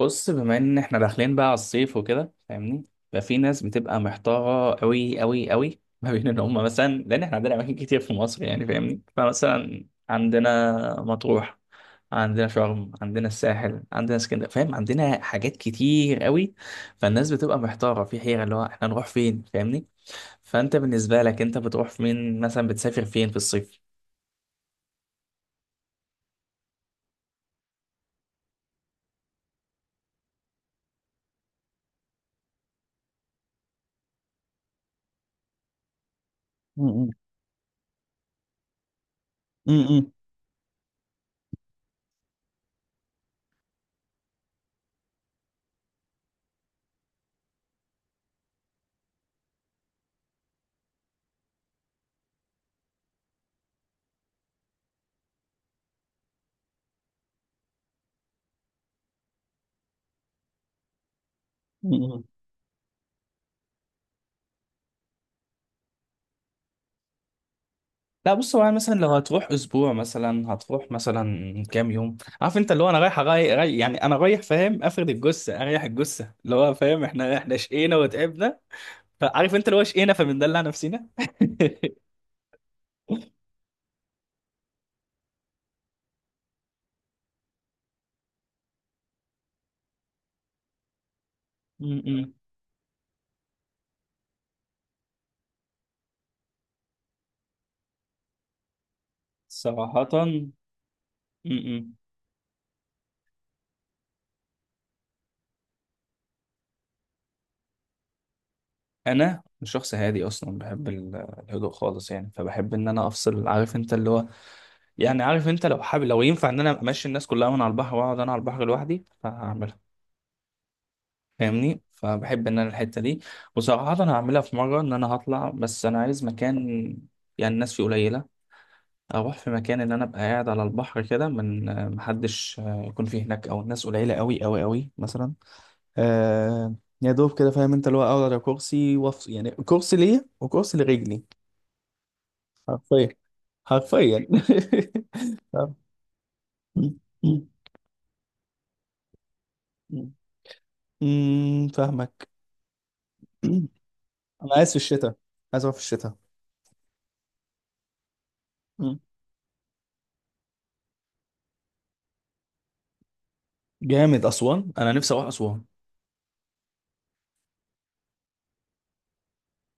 بص، بما ان احنا داخلين بقى على الصيف وكده فاهمني. ففي ناس بتبقى محتاره قوي قوي قوي ما بين ان هم مثلا، لان احنا عندنا اماكن كتير في مصر يعني فاهمني. فمثلا عندنا مطروح، عندنا شرم، عندنا الساحل، عندنا اسكندريه فاهم، عندنا حاجات كتير قوي. فالناس بتبقى محتاره في حيره اللي هو احنا نروح فين فاهمني. فانت بالنسبه لك انت بتروح فين مثلا؟ بتسافر فين في الصيف؟ م-. م-. م-. م-. م-. لا بص، هو أنا مثلا لو هتروح اسبوع مثلا هتروح مثلا كام يوم عارف انت اللي هو انا رايح أغير، رايح يعني انا رايح فاهم، افرد الجثه، اريح الجثه، اللي هو فاهم احنا شقينا وتعبنا. فعارف انت اللي هو شقينا فبندلع نفسنا م-م. صراحه. م-م. انا شخص هادي اصلا، بحب الهدوء خالص يعني، فبحب ان انا افصل عارف انت اللي هو. يعني عارف انت لو حابب لو ينفع ان انا امشي الناس كلها من على البحر واقعد انا على البحر لوحدي فهعملها فاهمني. فبحب ان انا الحته دي. وصراحه انا هعملها في مره ان انا هطلع، بس انا عايز مكان يعني الناس فيه قليله. اروح في مكان ان انا ابقى قاعد على البحر كده، من محدش يكون فيه هناك، او الناس قليله قوي قوي قوي مثلا. آه يا دوب كده فاهم انت اللي هو اقعد على كرسي وافصل، يعني كرسي ليا وكرسي لرجلي. حرفيا. حرفيا فاهمك. انا عايز في الشتاء، عايز اروح في الشتاء. جامد أسوان، أنا نفسي أروح أسوان.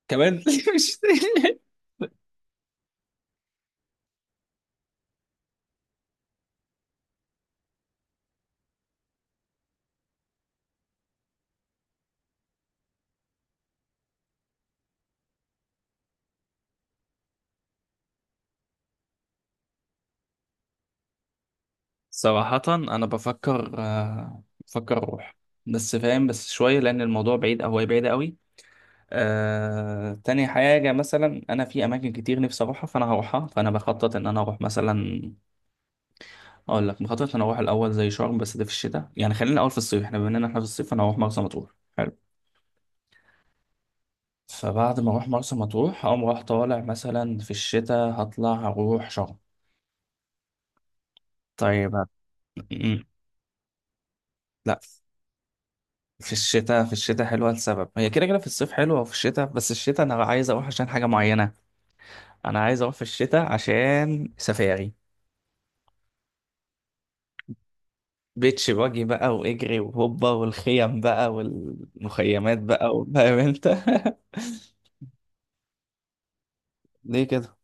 كمان مش. صراحة أنا بفكر، أروح. بس فاهم، بس شوية لأن الموضوع بعيد أو هي بعيدة قوي. تاني حاجة مثلا أنا في أماكن كتير نفسي أروحها، فأنا هروحها، فأنا بخطط إن أنا أروح مثلا. أقول لك، بخطط إن أنا أروح الأول زي شرم، بس ده في الشتاء. يعني خلينا الأول في الصيف، إحنا بما إننا إحنا في الصيف أنا هروح مرسى مطروح. حلو. فبعد ما أروح مرسى مطروح هقوم رايح طالع مثلا في الشتاء هطلع أروح شرم. طيب. لا، في الشتاء حلوة لسبب، هي كده كده في الصيف حلوة وفي الشتاء، بس الشتاء أنا عايز أروح عشان حاجة معينة. أنا عايز أروح في الشتاء عشان سفاري. بيتش باجي بقى، واجري وهوبا، والخيم بقى والمخيمات بقى فاهم انت ليه كده؟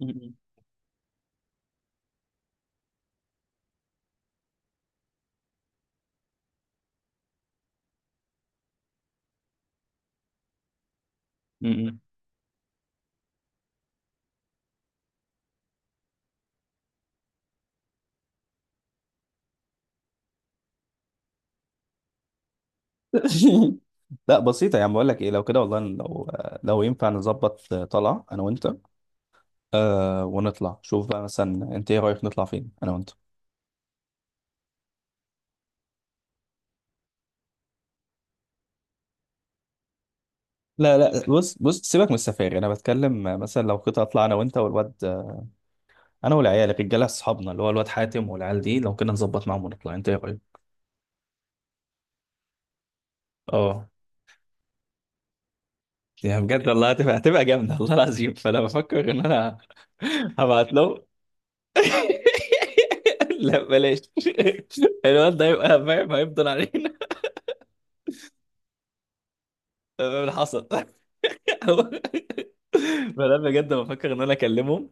م-. م-. م. لا بسيطة، يعني بقول لك ايه، لو كده والله، لو ينفع نظبط طلعة انا وانت. آه ونطلع، شوف بقى مثلا انت ايه رأيك، نطلع فين انا وانت؟ لا لا، بص بص، سيبك من السفاري. انا بتكلم مثلا لو كنت اطلع انا وانت والواد، انا والعيال الرجاله اصحابنا اللي هو الواد حاتم والعيال دي، لو كنا نظبط معاهم ونطلع انت ايه رايك؟ اه. يا بجد والله هتبقى جامده والله العظيم، فانا بفكر ان انا هبعت له لا بلاش، الواد ده هيبقى فاهم هيفضل علينا. اللي حصل فانا بجد بفكر ان انا اكلمهم،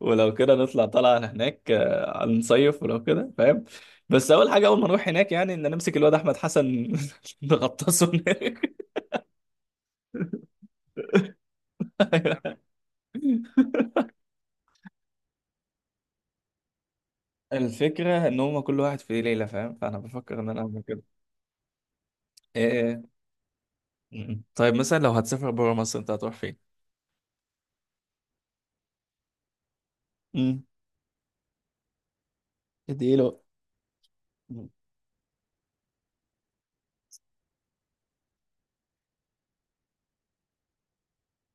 ولو كده نطلع طلعه هناك، نصيف ولو كده فاهم. بس اول حاجه، اول ما نروح هناك يعني ان نمسك الواد احمد حسن نغطسه هناك الفكره ان هم كل واحد في ليله فاهم، فانا بفكر ان انا اعمل كده. إيه. إيه، إيه. م-م. طيب مثلا لو هتسافر بره مصر انت هتروح فين؟ امم. اديله.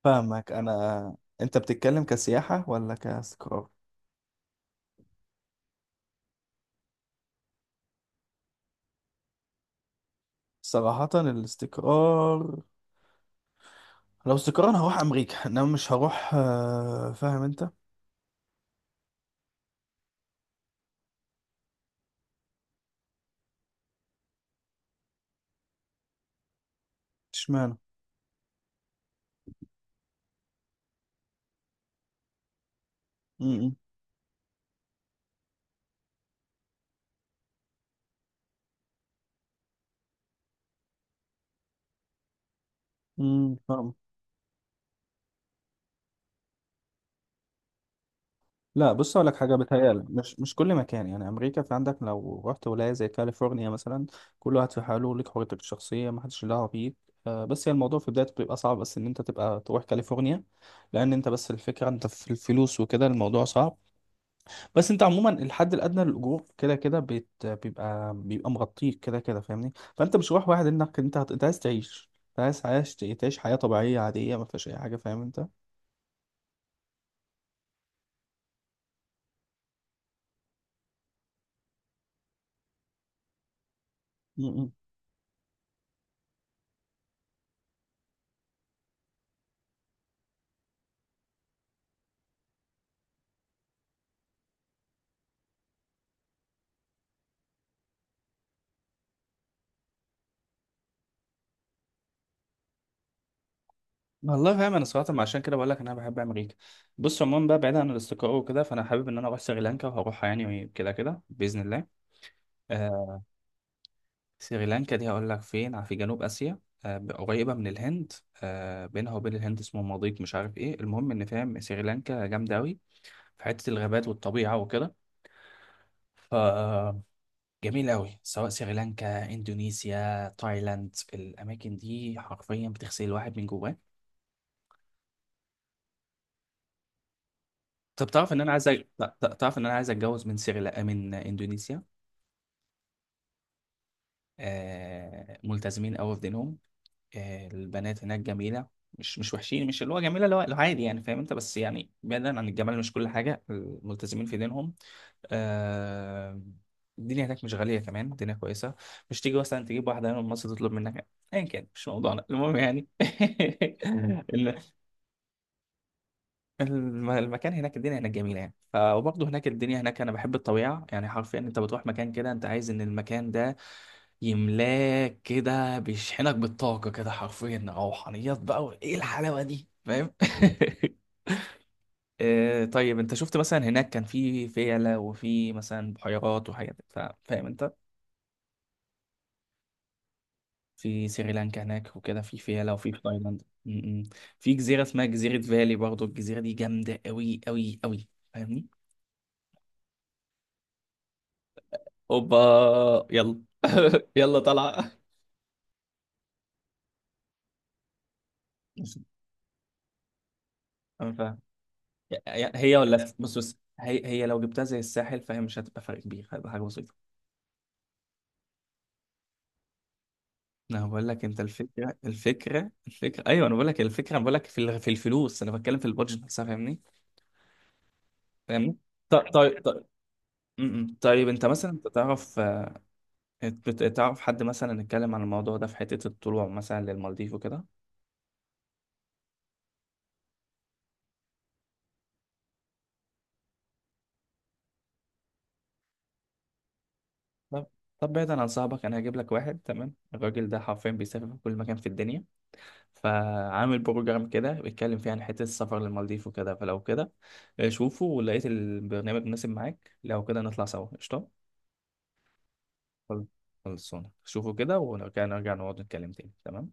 فاهمك. انا، انت بتتكلم كسياحة ولا كاستقرار؟ صراحة الاستقرار. لو استقرار انا هروح امريكا، انما مش هروح فاهم انت. اشمعنى؟ امم. امم. فاهم. لا بص اقول لك حاجه، بتهيالي مش كل مكان، يعني امريكا في عندك لو رحت ولايه زي كاليفورنيا مثلا، كل واحد في حاله، ليك حريتك الشخصيه ما حدش له دعوه بيك. بس هي الموضوع في بدايته بيبقى صعب، بس ان انت تبقى تروح كاليفورنيا، لان انت بس الفكره انت في الفلوس وكده الموضوع صعب. بس انت عموما الحد الادنى للاجور كده كده بيبقى مغطيك كده كده فاهمني. فانت مش رايح، واحد انك انت انت عايز تعيش، انت عايز عايش تعيش حياه طبيعيه عاديه ما فيهاش اي حاجه فاهم انت. م-م. والله فاهم انا، صراحه عشان كده بقول لك انا بحب امريكا. بص عموما بقى، بعيد عن الاستقرار وكده، فانا حابب ان انا اروح سريلانكا وهروحها يعني كده كده باذن الله. آه. سريلانكا دي هقول لك فين. في جنوب اسيا، آه قريبه من الهند، آه بينها وبين الهند اسمه مضيق مش عارف ايه، المهم ان فاهم سريلانكا جامده قوي في حتة الغابات والطبيعة وكده، فجميل أوي. سواء سريلانكا، إندونيسيا، تايلاند، الأماكن دي حرفيا بتغسل الواحد من جواه. طب تعرف إن أنا عايز تعرف إن أنا عايز أتجوز من إندونيسيا. آه، ملتزمين أوي في دينهم. آه، البنات هناك جميلة. مش وحشين، مش اللي هو جميلة، اللي هو عادي يعني فاهم انت. بس يعني بعيدا عن الجمال مش كل حاجة، ملتزمين في دينهم. آه، الدنيا هناك مش غالية، كمان الدنيا كويسة، مش تيجي مثلا تجيب واحدة من مصر تطلب منك أيا كان. مش موضوعنا المهم يعني ال- المكان هناك الدنيا هناك جميلة يعني. وبرضه هناك الدنيا هناك، أنا بحب الطبيعة يعني. حرفيا أنت بتروح مكان كده أنت عايز إن المكان ده يملاك كده، بيشحنك بالطاقة كده حرفيا، روحانيات بقى وايه الحلاوة دي فاهم طيب انت شفت مثلا هناك، كان في فيلة، وفي مثلا بحيرات وحاجات فاهم انت؟ في سريلانكا هناك وكده في فيلة، وفي تايلاند. م-. م. في جزيرة اسمها جزيرة فالي، برضو الجزيرة دي جامدة قوي قوي قوي فاهمني. اوبا، يلا يلا طالعة. أنا فاهم. هي هي، ولا بص بص، هي هي لو جبتها زي الساحل فهي مش هتبقى فرق كبير، هتبقى حاجة بسيطة. انا بقول لك انت الفكره، ايوه انا بقول لك الفكره، انا بقول لك في في الفلوس، انا بتكلم في البادجت نفسها فاهمني. فاهمني. طيب طيب طيب. م-م. طيب انت مثلا انت تعرف، تعرف حد مثلا اتكلم عن الموضوع ده في حته الطلوع مثلا للمالديف وكده. طب، بعيدا عن صاحبك انا هجيب لك واحد تمام، الراجل ده حرفيا بيسافر في كل مكان في الدنيا، فعامل بروجرام كده بيتكلم فيه عن حته السفر للمالديف وكده. فلو كده شوفه، ولقيت البرنامج مناسب معاك لو كده نطلع سوا قشطه. خل- خلصونا شوفوا كده، ولو كان نرجع نقعد نتكلم تاني تمام.